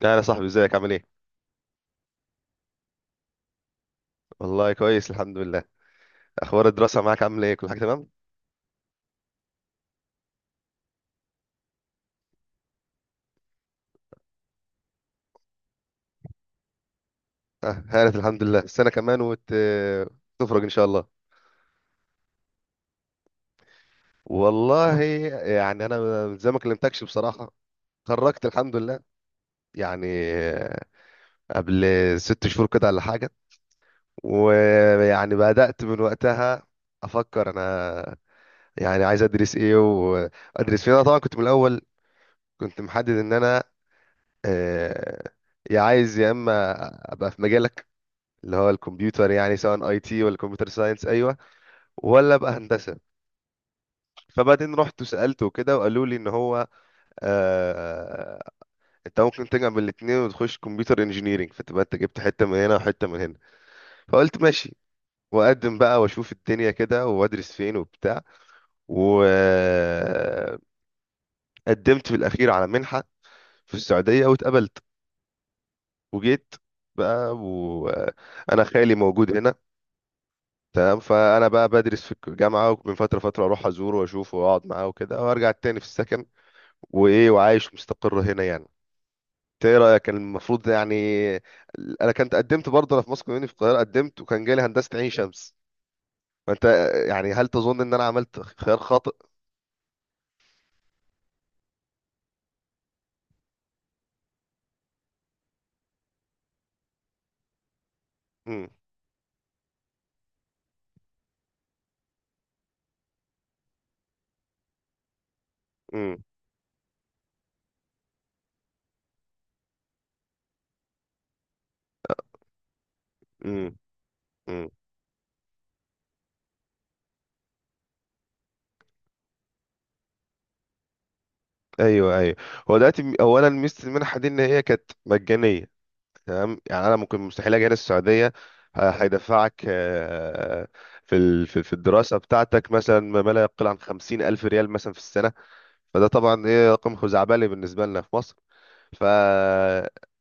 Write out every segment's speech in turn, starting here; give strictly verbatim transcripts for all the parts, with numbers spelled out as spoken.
لا يا صاحبي، ازيك؟ عامل ايه؟ والله كويس، الحمد لله. اخبار الدراسه معاك عامله ايه؟ كل حاجه تمام؟ آه، هانت الحمد لله، السنه كمان وتخرج ان شاء الله. والله يعني انا، من زي ما كلمتكش بصراحه، خرجت الحمد لله يعني، آه، قبل ست شهور كده ولا حاجه، ويعني بدات من وقتها افكر انا يعني عايز ادرس ايه وادرس فين. انا طبعا كنت من الاول كنت محدد ان انا آه، يا عايز يا اما ابقى في مجالك اللي هو الكمبيوتر، يعني سواء اي تي ولا كمبيوتر ساينس. ايوه. ولا بقى هندسه. فبعدين رحت سالته كده وقالوا لي ان هو آه انت ممكن تجمع من الاثنين وتخش كمبيوتر انجينيرنج، فتبقى انت جبت حته من هنا وحته من هنا. فقلت ماشي واقدم بقى واشوف الدنيا كده وادرس فين وبتاع. وقدمت في الاخير على منحه في السعوديه واتقبلت، وجيت بقى وانا خالي موجود هنا. تمام، فانا بقى بدرس في الجامعه، ومن فتره فتره اروح ازوره واشوفه واقعد معاه وكده وارجع تاني في السكن، وايه، وعايش مستقر هنا يعني. إنت ايه رايك؟ كان المفروض يعني انا كنت قدمت برضه انا في مصر كوميونتي في القاهره، قدمت وكان جالي هندسه عين شمس. فانت يعني هل تظن ان انا عملت خيار خاطئ؟ امم امم امم امم ايوه، ايوه. هو دلوقتي اولا ميزه المنحه دي ان هي كانت مجانيه. تمام، يعني انا ممكن مستحيل اجي هنا السعوديه. ه- هيدفعك، آه، في ال- في في الدراسه بتاعتك، مثلا، ما ما لا يقل عن خمسين الف ريال مثلا في السنه. فده طبعا ايه، رقم خزعبلي بالنسبه لنا في مصر. ف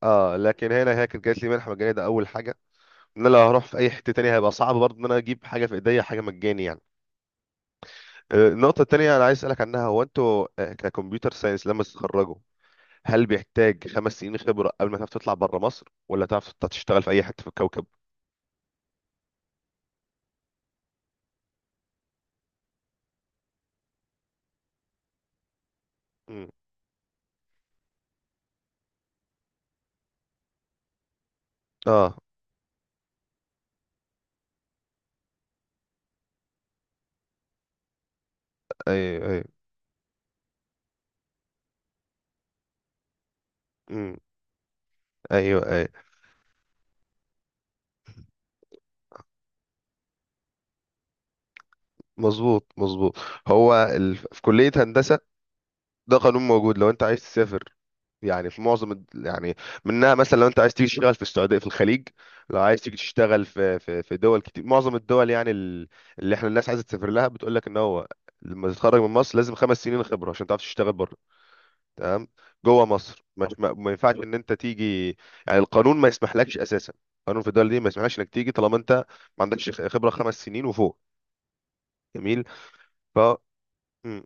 اه، لكن هنا هي كانت جات لي منحه مجانيه، ده اول حاجه. ان انا لو هروح في اي حته تانية هيبقى صعب برضه ان انا اجيب حاجه في ايديا حاجه مجاني يعني. آه، النقطه التانية انا عايز اسالك عنها، هو انتوا آه، ككمبيوتر ساينس لما تتخرجوا، هل بيحتاج خمس سنين خبره قبل ما تعرف تطلع بره مصر، ولا تعرف تشتغل في اي حته في الكوكب؟ اه، ايوه، ايوه. امم ايوه، ايوه، مظبوط، مظبوط. هو ال... في كلية هندسة ده قانون موجود لو انت عايز تسافر، يعني في معظم الد- يعني منها، مثلا، لو انت عايز تيجي تشتغل في السعودية في الخليج، لو عايز تيجي تشتغل في في في دول كتير، معظم الدول يعني ال- اللي احنا الناس عايزة تسافر لها بتقول لك ان هو لما تتخرج من مصر لازم خمس سنين خبرة عشان تعرف تشتغل بره. تمام. جوه مصر مش ما ما ينفعش ان انت تيجي، يعني القانون ما يسمحلكش اساسا. القانون في الدول دي ما يسمحلكش انك تيجي طالما انت ما عندكش خ- خبره خمس سنين وفوق. جميل. ف مم.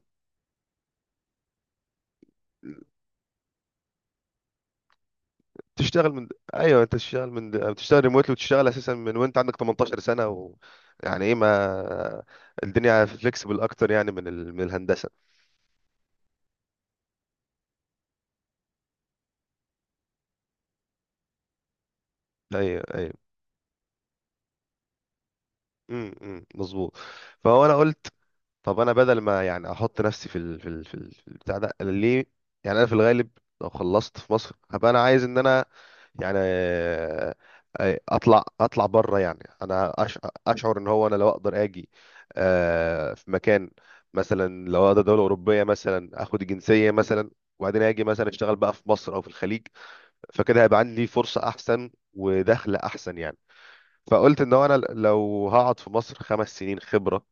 تشتغل من. ايوه، انت تشتغل من، بتشتغل ريموتلي وتشتغل اساسا من وانت عندك 18 سنه و... يعني ايه، ما الدنيا فليكسبل اكتر يعني من ال... من الهندسه. ايوه، ايوه. امم مظبوط. فهو انا قلت، طب انا بدل ما يعني احط نفسي في ال... في ال... في ال- في البتاع ده، أنا ليه؟ يعني انا في الغالب لو خلصت في مصر هبقى انا عايز ان انا يعني آه، آه، اطلع اطلع بره. يعني انا أش- اشعر ان هو انا لو اقدر اجي آه، في مكان، مثلا لو اقدر دوله اوروبيه مثلا اخد الجنسيه مثلا، وبعدين اجي مثلا اشتغل بقى في مصر او في الخليج، فكده هيبقى عندي فرصه احسن ودخل احسن يعني. فقلت ان هو انا لو هقعد في مصر خمس سنين خبره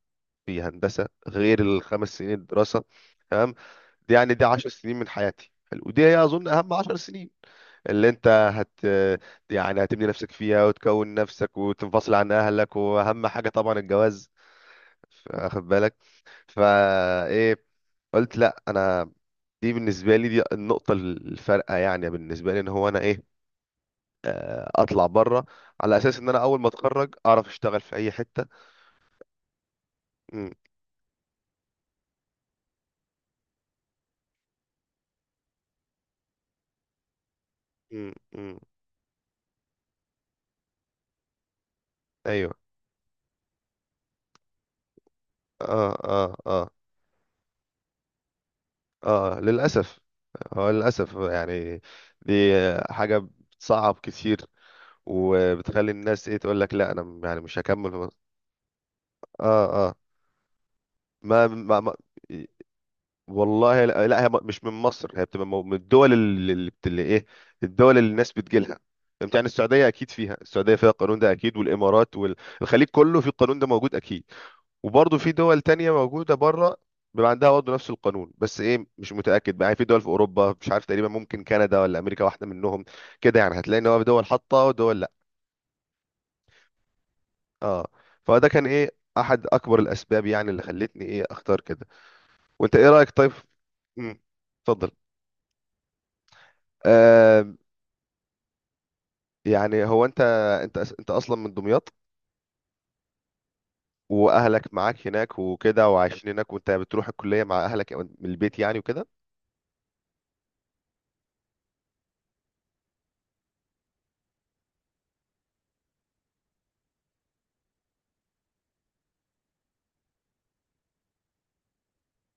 في هندسه، غير الخمس سنين الدراسه، تمام، دي يعني دي 10 سنين من حياتي. حلو. ودي هي اظن اهم 10 سنين اللي انت هت يعني هتبني نفسك فيها وتكون نفسك وتنفصل عن اهلك، واهم حاجه طبعا الجواز، واخد بالك؟ فا ايه قلت لا، انا دي بالنسبه لي، دي النقطه الفارقه يعني بالنسبه لي، ان هو انا ايه، آه، اطلع بره على اساس ان انا اول ما اتخرج اعرف اشتغل في اي حته. م- م- م. ايوه، اه، اه، اه. اه، للاسف. هو للاسف يعني دي حاجه بتصعب كتير، وبتخلي الناس ايه، تقول لك لا انا، م- يعني مش هكمل في مصر. اه، اه، ما, ما, ما والله، لا، لا، هي م- مش من مصر، هي بتبقى مو- من الدول اللي, اللي بت- اللي ايه، الدول اللي الناس بتجيلها. انت يعني السعوديه اكيد فيها، السعوديه فيها القانون ده اكيد، والامارات والخليج كله في القانون ده موجود اكيد. وبرضه في دول تانية موجودة بره بيبقى عندها برضه نفس القانون، بس ايه، مش متأكد بقى يعني. في دول في أوروبا مش عارف، تقريبا ممكن كندا ولا أمريكا واحدة منهم، كده يعني هتلاقي ان هو في دول حاطة ودول لا. اه. فده كان ايه، أحد أكبر الأسباب يعني اللي خلتني ايه أختار كده. وأنت ايه رأيك؟ طيب. امم اتفضل. آه يعني هو أنت أنت أس- أنت أصلا من دمياط؟ وأهلك معاك هناك وكده، وعايشين هناك، وأنت بتروح الكلية مع أهلك أو من البيت يعني وكده؟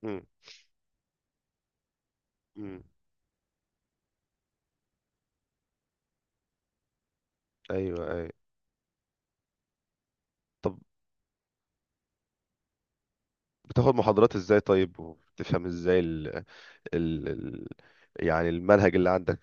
امم امم ايوه، ايوه. طب بتاخد محاضرات ازاي طيب؟ وبتفهم ازاي ال... ال... ال... يعني المنهج اللي عندك؟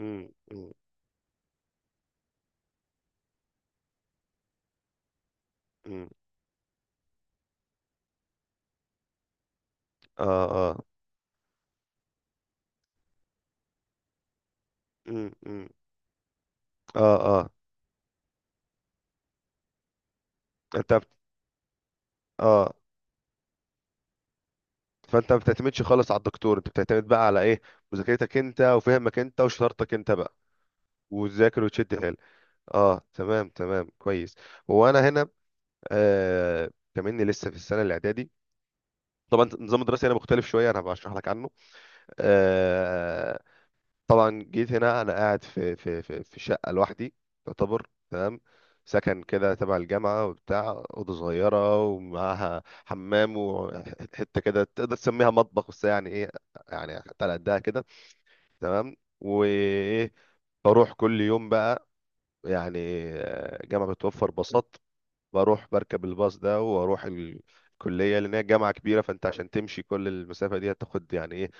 مم، مم، مم. اه، اه. مم، مم. اه، اه. انت بت... اه. فانت ما بتعتمدش خالص على الدكتور، انت بتعتمد بقى على ايه؟ مذاكرتك انت، وفهمك انت، وشطارتك انت بقى، وتذاكر وتشد حيل. اه، تمام، تمام، كويس. هو انا هنا آه كمني لسه في السنه الاعدادي. طبعا نظام الدراسه هنا مختلف شويه، انا هبقى اشرح لك عنه. آه طبعا جيت هنا انا قاعد في في في, في شقه لوحدي، يعتبر تمام، سكن كده تبع الجامعه وبتاع، اوضه صغيره ومعاها حمام وحته كده تقدر تسميها مطبخ، بس يعني ايه، يعني حتى على قدها كده. تمام، وايه، بروح كل يوم بقى يعني. آه، جامعه بتوفر باصات، بروح بركب الباص ده واروح ال- الكليه لان هي جامعه كبيره. فانت عشان تمشي كل المسافه دي هتاخد يعني ايه،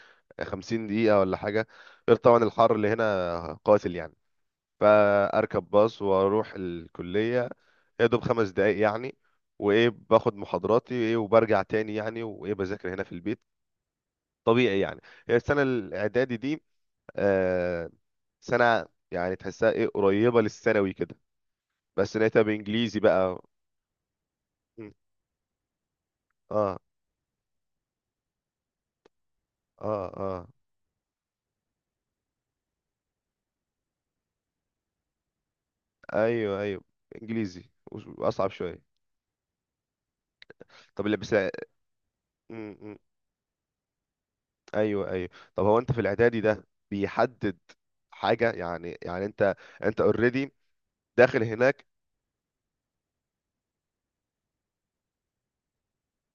50 دقيقه ولا حاجه، غير طبعا الحر اللي هنا قاتل يعني. فاركب باص واروح الكليه، يا دوب خمس دقايق يعني. وايه، باخد محاضراتي ايه، وبرجع تاني يعني، وايه، بذاكر هنا في البيت طبيعي يعني. هي السنه الاعدادي دي آه سنه يعني تحسها ايه قريبه للثانوي كده، بس لقيتها بانجليزي بقى. م. اه، اه، اه، ايوه، ايوو، انجليزي وش- واصعب شويه. طب اللي بس، م- م. ايوه، ايوه. طب هو انت في الاعدادي ده بيحدد حاجه يعني، يعني انت انت اوريدي داخل هناك.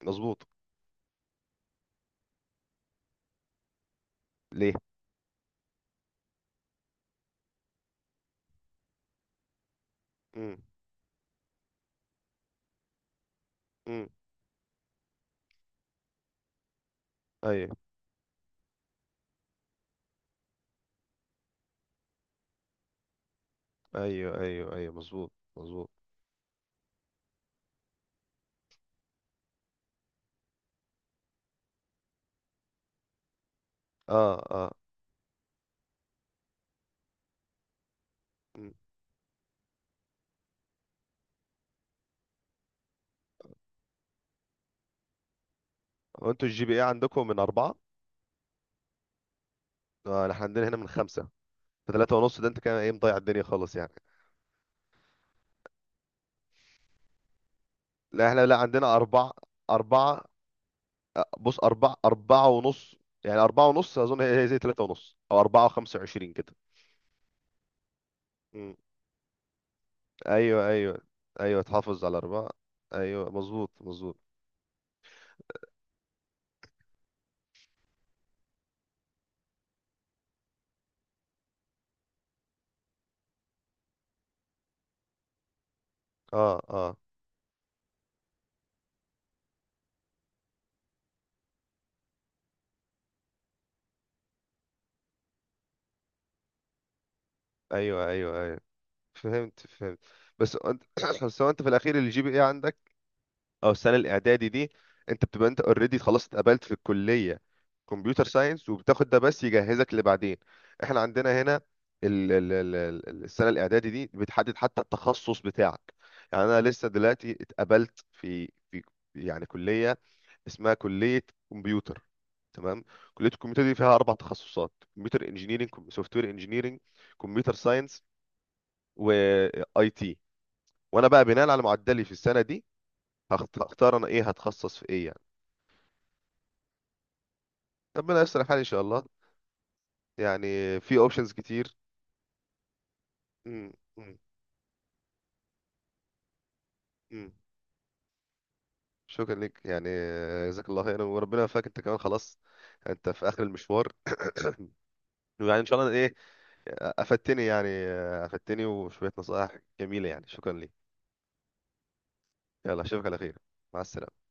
مظبوط. ليه؟ مم. مم. ايوه، ايوه، ايوه، ايوه، مظبوط، مظبوط. اه، اه. مم. هو انتوا الجي بي اي عندكم من اربعه؟ آه احنا عندنا هنا من خمسه، فثلاثة ونص ده انت كده ايه، مضيع الدنيا خالص يعني. لا احنا، لا عندنا اربعه. اربعه. آه، بص، أربعة، أربعة ونص، يعني أربعة ونص أظن هي هي زي تلاتة ونص أو أربعة وخمسة وعشرين كده. مم. أيوه، أيوه، أيوه، تحافظ على أربعة. أيوه، مظبوط، مظبوط. أه، أه، أيوه، أيوه، أيوه، فهمت، فهمت. بس أنت بس هو أنت في الأخير الجي بي إيه عندك، او السنه الاعدادي دي، انت بتبقى انت اوريدي خلاص اتقبلت في الكليه كمبيوتر ساينس، وبتاخد ده بس يجهزك لبعدين. احنا عندنا هنا ال ال ال ال- السنه الاعدادي دي بتحدد حتى التخصص بتاعك. يعني انا لسه دلوقتي اتقبلت في في يعني كليه اسمها كليه كمبيوتر. تمام، كليه الكمبيوتر دي فيها اربع تخصصات: كمبيوتر انجينيرنج، سوفت وير انجينيرنج، كمبيوتر ساينس، واي تي. وانا بقى بناء على معدلي في السنه دي هخت- هختار انا ايه، هتخصص في ايه يعني. ربنا يستر الحال ان شاء الله. يعني في اوبشنز كتير. مم، مم، مم. شكرا لك يعني، جزاك الله خيرا، وربنا يوفقك انت كمان. خلاص انت في اخر المشوار، ويعني ان شاء الله ايه. افدتني يعني، افدتني وشويه نصائح جميله يعني. شكرا لك. يلا اشوفك على خير. مع السلامه.